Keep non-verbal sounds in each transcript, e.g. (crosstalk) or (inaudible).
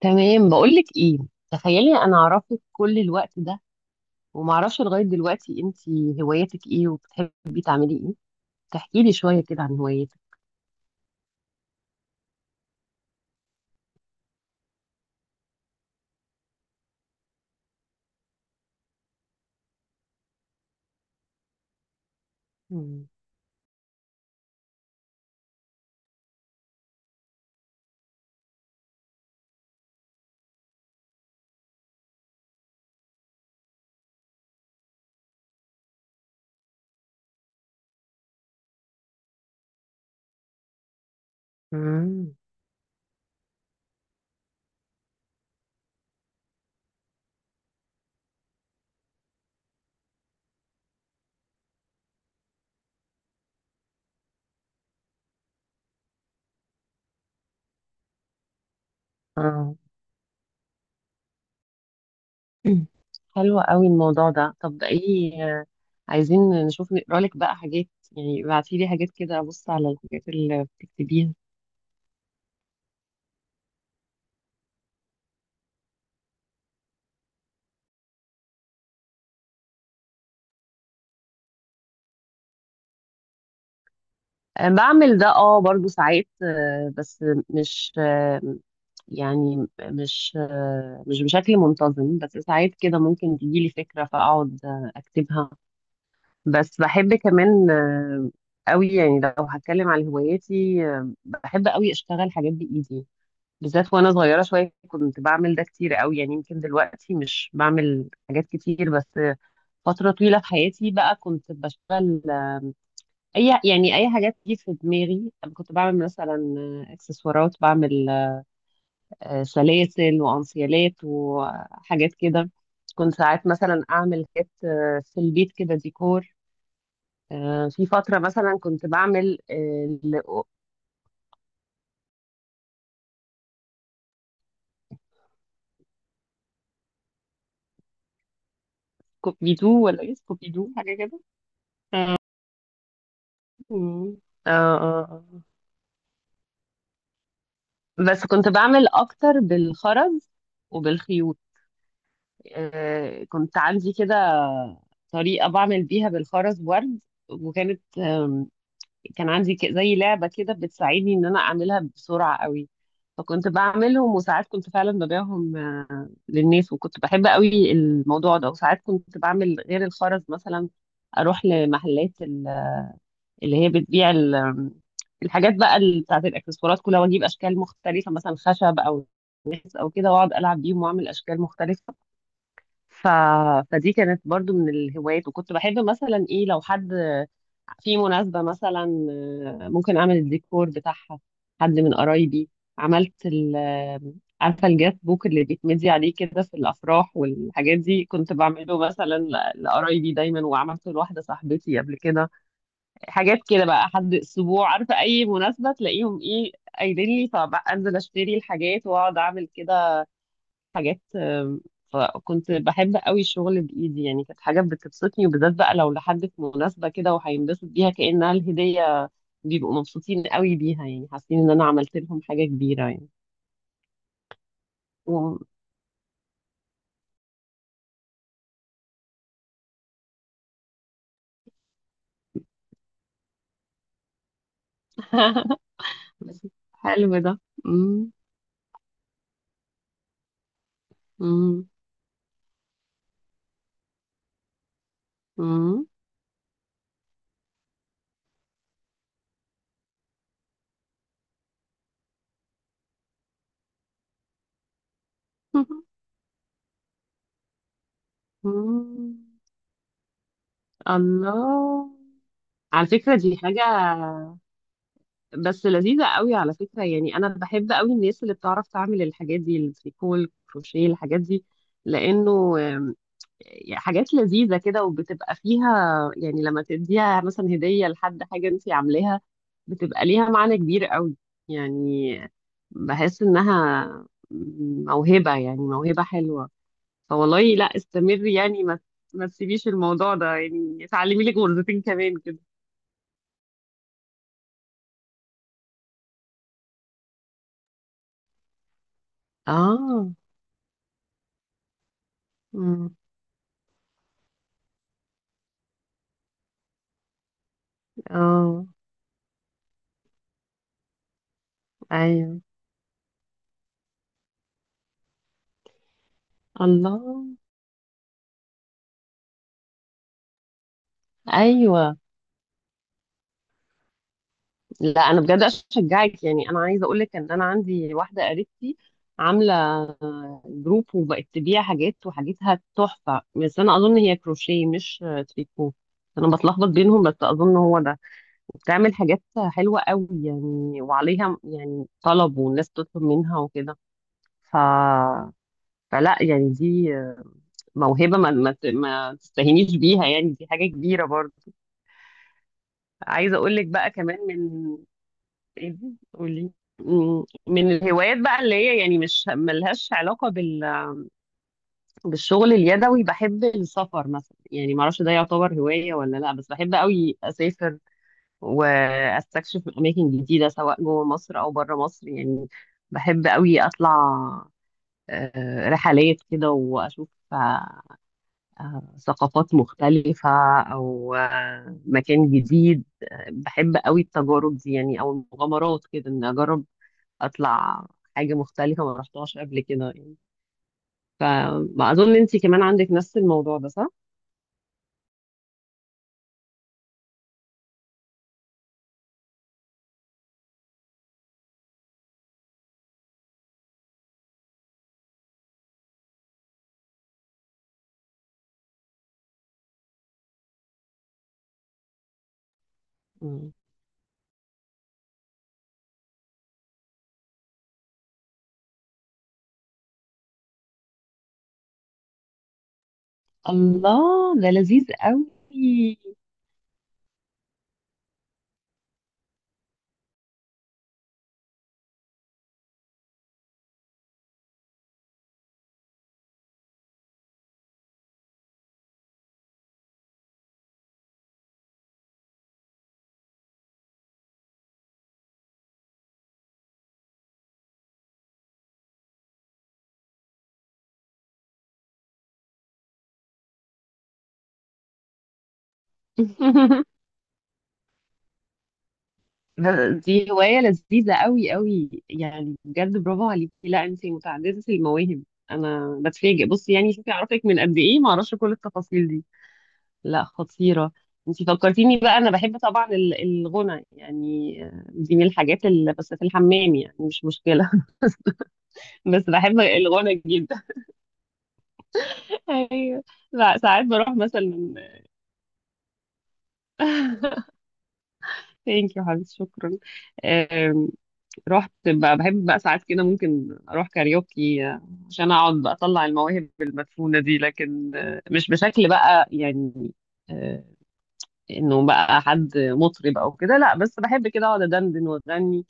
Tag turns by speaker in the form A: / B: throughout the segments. A: تمام، بقولك ايه. تخيلي انا اعرفك كل الوقت ده وما اعرفش لغايه دلوقتي انتي هواياتك ايه وبتحبي تعملي ايه؟ تحكي لي شويه كده عن هواياتك. مم. مم. اه. (clears throat) حلو قوي الموضوع ده. طب ده ايه؟ عايزين نشوف نقرا لك بقى حاجات، يعني ابعتي لي حاجات كده ابص على الحاجات اللي بتكتبيها. بعمل ده، اه برضو ساعات، بس مش، يعني مش بشكل منتظم، بس ساعات كده ممكن تجيلي فكرة فأقعد أكتبها. بس بحب كمان، أوي يعني، لو هتكلم على هواياتي بحب أوي أشتغل حاجات بإيدي، بالذات وأنا صغيرة شوية كنت بعمل ده كتير أوي، يعني يمكن دلوقتي مش بعمل حاجات كتير بس، فترة طويلة في حياتي بقى كنت بشتغل، أي يعني أي حاجات تيجي في دماغي كنت بعمل مثلا إكسسوارات، بعمل سلاسل وانسيالات وحاجات كده. كنت ساعات مثلا اعمل حاجات في البيت كده ديكور، في فترة مثلا كنت بعمل كوبيدو ولا ايه، كوبيدو حاجة كده. مم. اه اه. آه. بس كنت بعمل اكتر بالخرز وبالخيوط، كنت عندي كده طريقة بعمل بيها بالخرز ورد، وكانت كان عندي زي لعبة كده بتساعدني إن أنا أعملها بسرعة قوي، فكنت بعملهم وساعات كنت فعلا ببيعهم للناس، وكنت بحب قوي الموضوع ده. وساعات كنت بعمل غير الخرز مثلا أروح لمحلات اللي هي بتبيع الحاجات بقى بتاعت الإكسسوارات كلها، وأجيب أشكال مختلفة مثلا خشب أو نحاس أو كده، وأقعد ألعب بيهم وأعمل أشكال مختلفة. ف... فدي كانت برضو من الهوايات، وكنت بحب مثلا ايه لو حد في مناسبة مثلا، ممكن اعمل الديكور بتاعها، حد من قرايبي. عملت ال آه، عارفة الجات بوك اللي بيتمدي عليه كده في الافراح والحاجات دي، كنت بعمله مثلا لقرايبي دايما، وعملته لواحدة صاحبتي قبل كده. حاجات كده بقى حد اسبوع، عارفة اي مناسبة تلاقيهم ايه قايلين لي، فبقى انزل اشتري الحاجات واقعد اعمل كده حاجات. فكنت بحب قوي الشغل بإيدي، يعني كانت حاجة بتبسطني، وبالذات بقى لو لحد في مناسبة كده وهينبسط بيها كأنها الهدية، بيبقوا مبسوطين قوي بيها، يعني حاسين إن أنا عملت لهم حاجة كبيرة يعني. و... (laughs) بس حلو ده. مم. مم. مم. (laughs) مم. الله، على فكرة دي حاجة بس لذيذة قوي، على فكرة يعني، أنا بحب قوي الناس اللي بتعرف تعمل الحاجات دي، التريكو، الكروشيه، الحاجات دي، لأنه يعني حاجات لذيذة كده وبتبقى فيها، يعني لما تديها مثلا هدية لحد، حاجة انت عاملاها بتبقى ليها معنى كبير قوي، يعني بحس انها موهبة، يعني موهبة حلوة. فوالله لا استمري يعني، ما تسيبيش الموضوع ده، يعني اتعلمي لك غرزتين كمان كده. اه. أمم. اه. ايوه. الله. ايوه. لا انا بجد اشجعك، يعني انا عايزه اقول لك ان انا عندي واحده قريبتي عامله جروب، وبقت تبيع حاجات، وحاجتها تحفه، بس انا اظن هي كروشيه مش تريكو، انا بتلخبط بينهم بس اظن هو ده، وبتعمل حاجات حلوه قوي يعني، وعليها يعني طلب، والناس تطلب منها وكده. ف فلا يعني دي موهبه، ما تستهينيش بيها، يعني دي حاجه كبيره برضه. عايزه اقول لك بقى كمان من. ايه دي؟ قولي. من الهوايات بقى اللي هي يعني مش ملهاش علاقة بالشغل اليدوي، بحب السفر مثلا، يعني معرفش ده يعتبر هواية ولا لا، بس بحب قوي أسافر وأستكشف أماكن جديدة، سواء جوه مصر أو بره مصر، يعني بحب قوي أطلع رحلات كده وأشوف ثقافات مختلفة، أو مكان جديد، بحب قوي التجارب دي يعني، او المغامرات كده، ان اجرب اطلع حاجه مختلفه ما رحتهاش قبل كده يعني. فاظن انت كمان عندك نفس الموضوع ده، صح؟ مم. الله، ده لذيذ قوي. (laughs) دي هوايه لذيذه قوي قوي، يعني بجد برافو عليكي، لا انت متعدده المواهب، انا بتفاجئ، بصي يعني شوفي اعرفك من قد ايه، ما اعرفش كل التفاصيل دي. لا خطيره، انت فكرتيني بقى، انا بحب طبعا الغنى يعني، دي من الحاجات اللي بس في الحمام يعني، مش مشكله. (laughs) بس بحب الغنى جدا. ايوه. لا ساعات بروح مثلا. (laughs) ثانك يو حبيبتي، شكرا. آم، رحت بقى، بحب بقى ساعات كده ممكن اروح كاريوكي، عشان اقعد بقى اطلع المواهب المدفونة دي، لكن مش بشكل بقى يعني، آه، انه بقى حد مطرب او كده، لا بس بحب كده اقعد ادندن واغني،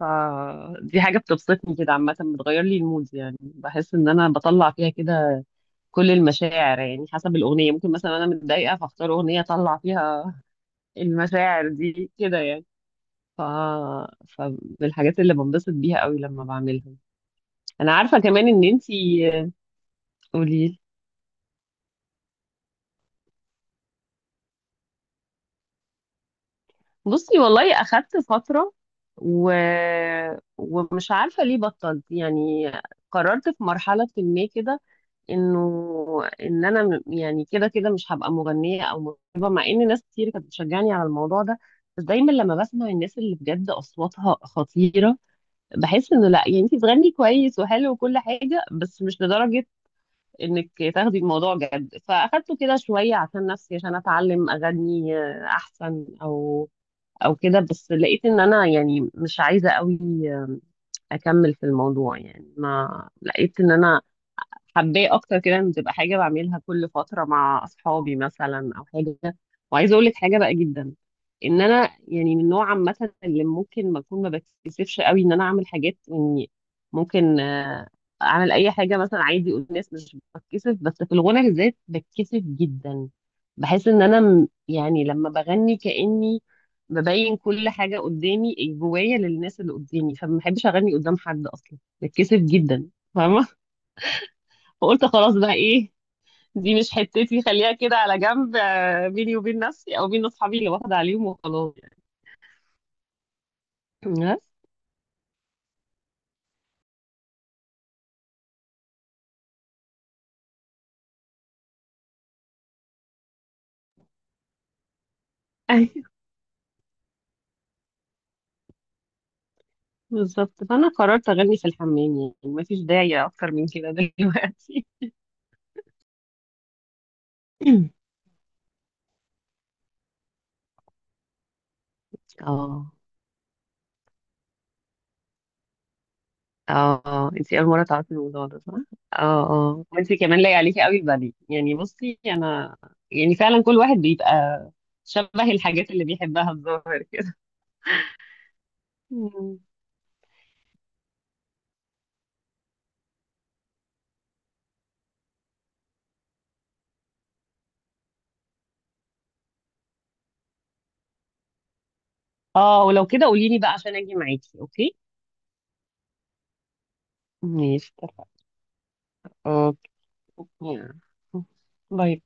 A: فدي حاجة بتبسطني كده عامة، بتغير لي المود، يعني بحس ان انا بطلع فيها كده كل المشاعر يعني، حسب الأغنية، ممكن مثلا أنا متضايقة فأختار أغنية أطلع فيها المشاعر دي كده يعني. ف... فبالحاجات اللي بنبسط بيها قوي لما بعملها. انا عارفة كمان ان انتي. قولي. بصي والله اخدت فترة، و... ومش عارفة ليه بطلت يعني، قررت في مرحلة ما كده انه ان انا، يعني كده كده مش هبقى مغنية او مطربة، مع ان ناس كتير كانت بتشجعني على الموضوع ده، بس دايما لما بسمع الناس اللي بجد اصواتها خطيرة، بحس انه لا يعني انت بتغني كويس وحلو وكل حاجه بس مش لدرجه انك تاخدي الموضوع جد، فاخدته كده شويه عشان نفسي عشان اتعلم اغني احسن او كده، بس لقيت ان انا يعني مش عايزه قوي آه، اكمل في الموضوع، يعني ما لقيت ان انا حباه اكتر كده، ان تبقى حاجه بعملها كل فتره مع اصحابي مثلا او حاجه. وعايزه اقول لك حاجه بقى جدا، ان انا يعني من نوع عامه اللي ممكن ما اكون ما بتكسفش قوي ان انا اعمل حاجات، يعني ممكن اعمل اي حاجه مثلا عادي اقول، الناس مش بتكسف، بس في الغنى بالذات بتكسف جدا، بحس ان انا، يعني لما بغني كاني ببين كل حاجه قدامي إيه، جوايا للناس اللي قدامي، فما بحبش اغني قدام حد اصلا بتكسف جدا، فاهمه؟ فقلت خلاص بقى، ايه دي مش حتتي، خليها كده على جنب، بيني وبين نفسي او بين اصحابي اللي واخده عليهم وخلاص يعني. بس أيوة، بالظبط، فانا قررت اغني في الحمام يعني، مفيش داعي اكتر من كده. (laughs) دلوقتي. (clears throat) اه اه، انتي اول مره تعرفي الموضوع ده صح؟ اه اه، وانتي كمان لايق عليكي قوي الباليه يعني، بصي انا يعني فعلا كل واحد بيبقى شبه الحاجات اللي بيحبها، الظاهر كده. مم. اه، ولو كده قوليلي بقى عشان اجي معاكي، اوكي. ماشي. أوكيه. لا يبعد.